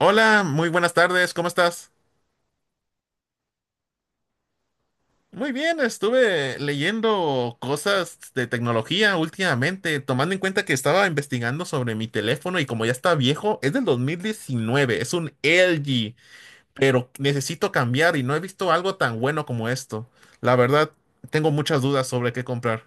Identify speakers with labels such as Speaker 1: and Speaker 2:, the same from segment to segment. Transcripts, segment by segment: Speaker 1: Hola, muy buenas tardes, ¿cómo estás? Muy bien, estuve leyendo cosas de tecnología últimamente, tomando en cuenta que estaba investigando sobre mi teléfono y como ya está viejo, es del 2019. Es un LG, pero necesito cambiar y no he visto algo tan bueno como esto. La verdad, tengo muchas dudas sobre qué comprar.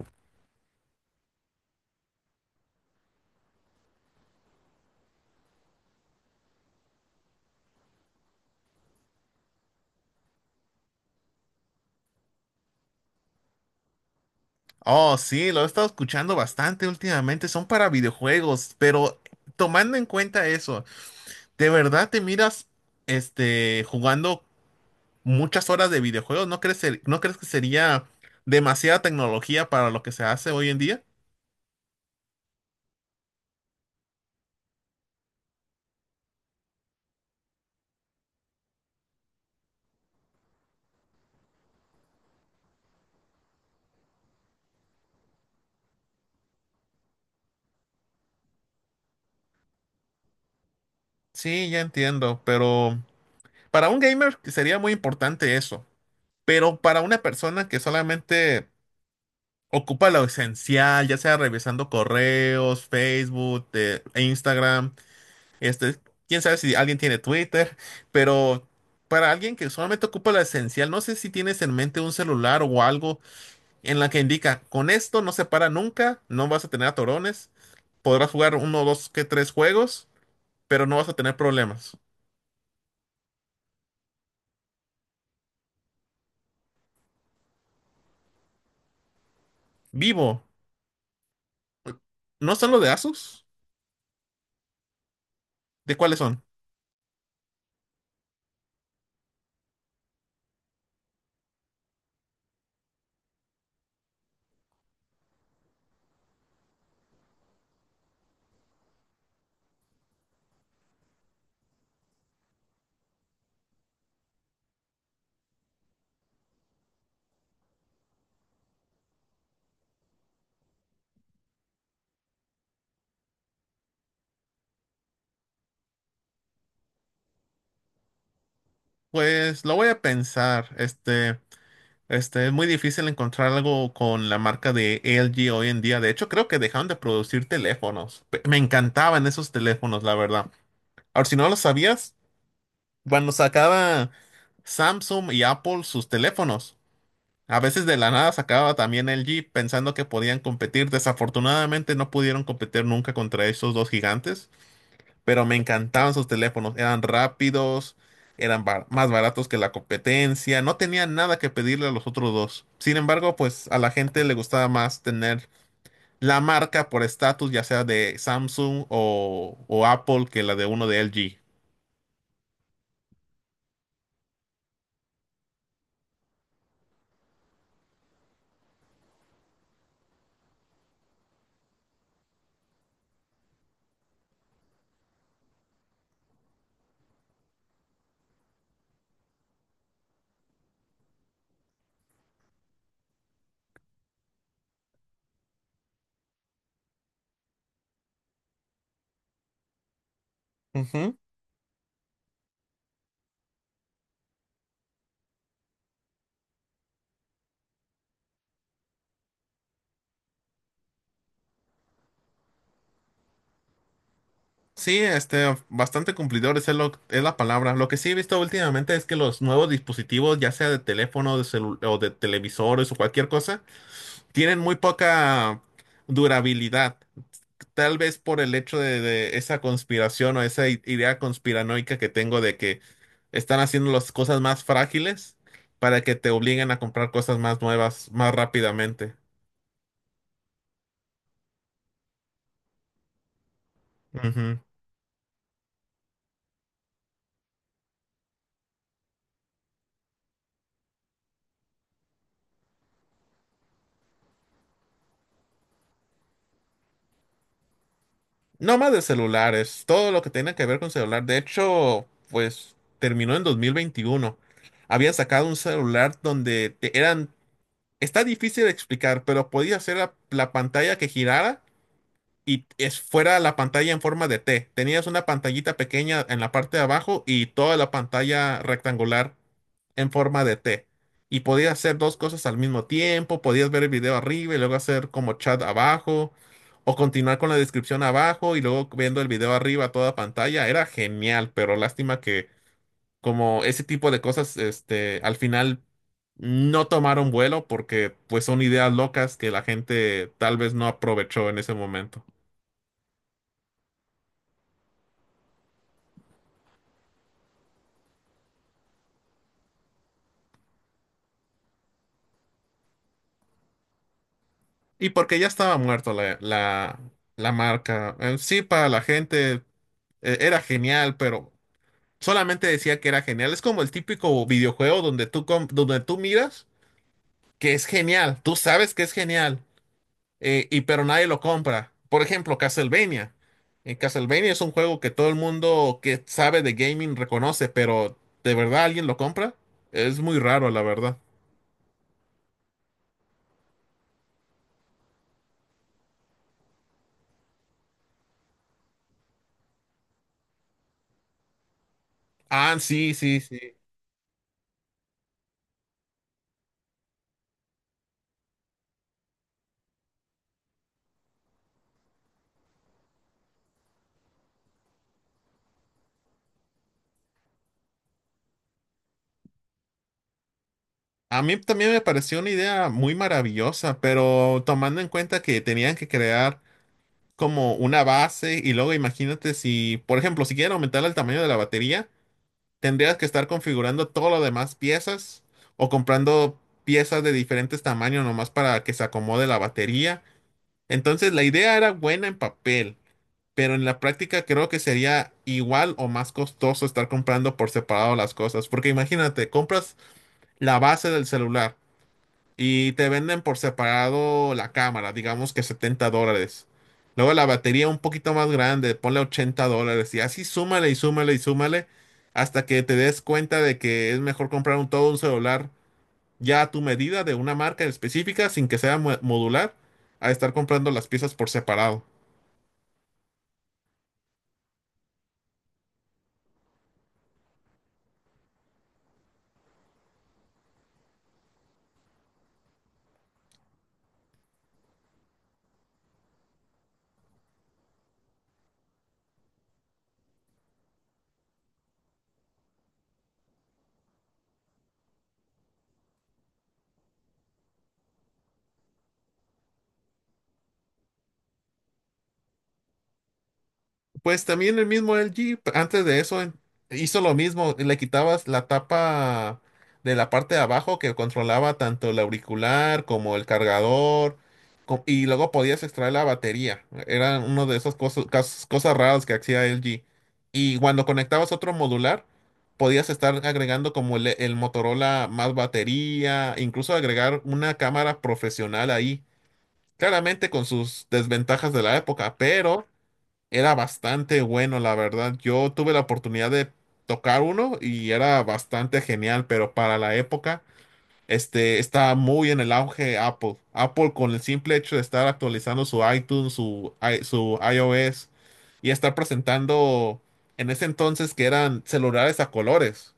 Speaker 1: Oh, sí, lo he estado escuchando bastante últimamente, son para videojuegos, pero tomando en cuenta eso, ¿de verdad te miras jugando muchas horas de videojuegos? ¿No crees que sería demasiada tecnología para lo que se hace hoy en día? Sí, ya entiendo, pero para un gamer sería muy importante eso, pero para una persona que solamente ocupa lo esencial, ya sea revisando correos, Facebook, e Instagram, este, quién sabe si alguien tiene Twitter, pero para alguien que solamente ocupa lo esencial, no sé si tienes en mente un celular o algo en la que indica, con esto no se para nunca, no vas a tener atorones, podrás jugar uno, dos, que tres juegos, pero no vas a tener problemas. Vivo, ¿no son los de Asus? ¿De cuáles son? Pues lo voy a pensar. Es muy difícil encontrar algo con la marca de LG hoy en día. De hecho, creo que dejaron de producir teléfonos. Me encantaban esos teléfonos, la verdad. Ahora, si no lo sabías, cuando sacaba Samsung y Apple sus teléfonos, a veces de la nada sacaba también el Jeep pensando que podían competir. Desafortunadamente no pudieron competir nunca contra esos dos gigantes, pero me encantaban sus teléfonos. Eran rápidos, eran más baratos que la competencia, no tenían nada que pedirle a los otros dos. Sin embargo, pues a la gente le gustaba más tener la marca por estatus, ya sea de Samsung o Apple, que la de uno de LG. Sí, bastante cumplidor es, lo, es la palabra. Lo que sí he visto últimamente es que los nuevos dispositivos, ya sea de teléfono, o de televisores o cualquier cosa, tienen muy poca durabilidad. Tal vez por el hecho de esa conspiración o esa idea conspiranoica que tengo de que están haciendo las cosas más frágiles para que te obliguen a comprar cosas más nuevas más rápidamente. No más de celulares, todo lo que tenga que ver con celular. De hecho, pues terminó en 2021. Había sacado un celular donde eran... Está difícil de explicar, pero podía hacer la pantalla que girara y es fuera la pantalla en forma de T. Tenías una pantallita pequeña en la parte de abajo y toda la pantalla rectangular en forma de T. Y podías hacer dos cosas al mismo tiempo, podías ver el video arriba y luego hacer como chat abajo, o continuar con la descripción abajo y luego viendo el video arriba a toda pantalla. Era genial, pero lástima que como ese tipo de cosas, al final no tomaron vuelo porque pues son ideas locas que la gente tal vez no aprovechó en ese momento. Y porque ya estaba muerto la marca. En sí, para la gente era genial, pero solamente decía que era genial. Es como el típico videojuego donde tú miras que es genial. Tú sabes que es genial, pero nadie lo compra. Por ejemplo, Castlevania. En Castlevania es un juego que todo el mundo que sabe de gaming reconoce, pero ¿de verdad alguien lo compra? Es muy raro, la verdad. Ah, sí, sí, sí. A mí también me pareció una idea muy maravillosa, pero tomando en cuenta que tenían que crear como una base y luego imagínate si, por ejemplo, si quieren aumentar el tamaño de la batería, tendrías que estar configurando todo lo demás piezas o comprando piezas de diferentes tamaños nomás para que se acomode la batería. Entonces la idea era buena en papel, pero en la práctica creo que sería igual o más costoso estar comprando por separado las cosas, porque imagínate, compras la base del celular y te venden por separado la cámara, digamos que $70. Luego la batería un poquito más grande, ponle $80. Y así súmale y súmale y súmale hasta que te des cuenta de que es mejor comprar un todo un celular ya a tu medida de una marca específica sin que sea modular a estar comprando las piezas por separado. Pues también el mismo LG, antes de eso, hizo lo mismo, le quitabas la tapa de la parte de abajo que controlaba tanto el auricular como el cargador, y luego podías extraer la batería. Era uno de esas cosas raras que hacía LG. Y cuando conectabas otro modular, podías estar agregando como el Motorola más batería, incluso agregar una cámara profesional ahí. Claramente con sus desventajas de la época, pero era bastante bueno, la verdad. Yo tuve la oportunidad de tocar uno y era bastante genial, pero para la época, estaba muy en el auge Apple. Apple con el simple hecho de estar actualizando su iTunes, su iOS y estar presentando en ese entonces que eran celulares a colores.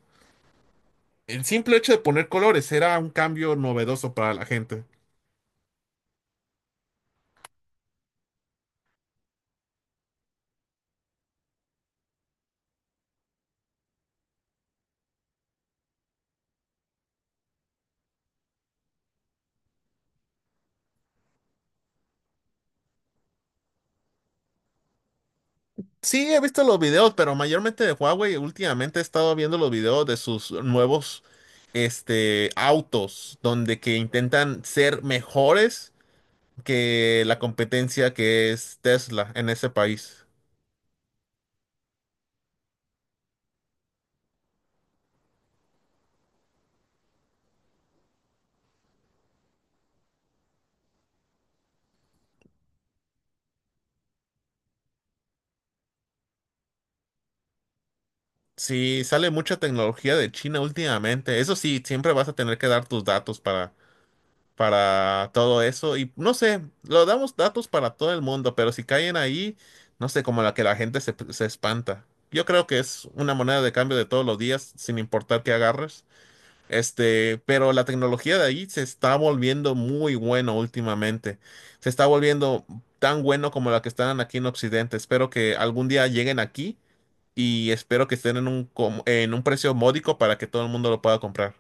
Speaker 1: El simple hecho de poner colores era un cambio novedoso para la gente. Sí, he visto los videos, pero mayormente de Huawei. Últimamente he estado viendo los videos de sus nuevos, autos, donde que intentan ser mejores que la competencia que es Tesla en ese país. Sí, sale mucha tecnología de China últimamente. Eso sí, siempre vas a tener que dar tus datos para todo eso. Y no sé, lo damos datos para todo el mundo, pero si caen ahí, no sé, como la que la gente se espanta. Yo creo que es una moneda de cambio de todos los días, sin importar qué agarres. Pero la tecnología de ahí se está volviendo muy bueno últimamente. Se está volviendo tan bueno como la que están aquí en Occidente. Espero que algún día lleguen aquí y espero que estén en un, en un precio módico para que todo el mundo lo pueda comprar.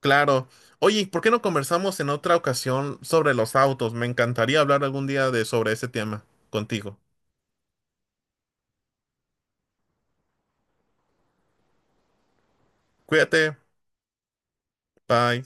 Speaker 1: Claro. Oye, ¿por qué no conversamos en otra ocasión sobre los autos? Me encantaría hablar algún día de sobre ese tema contigo. Cuídate. Bye.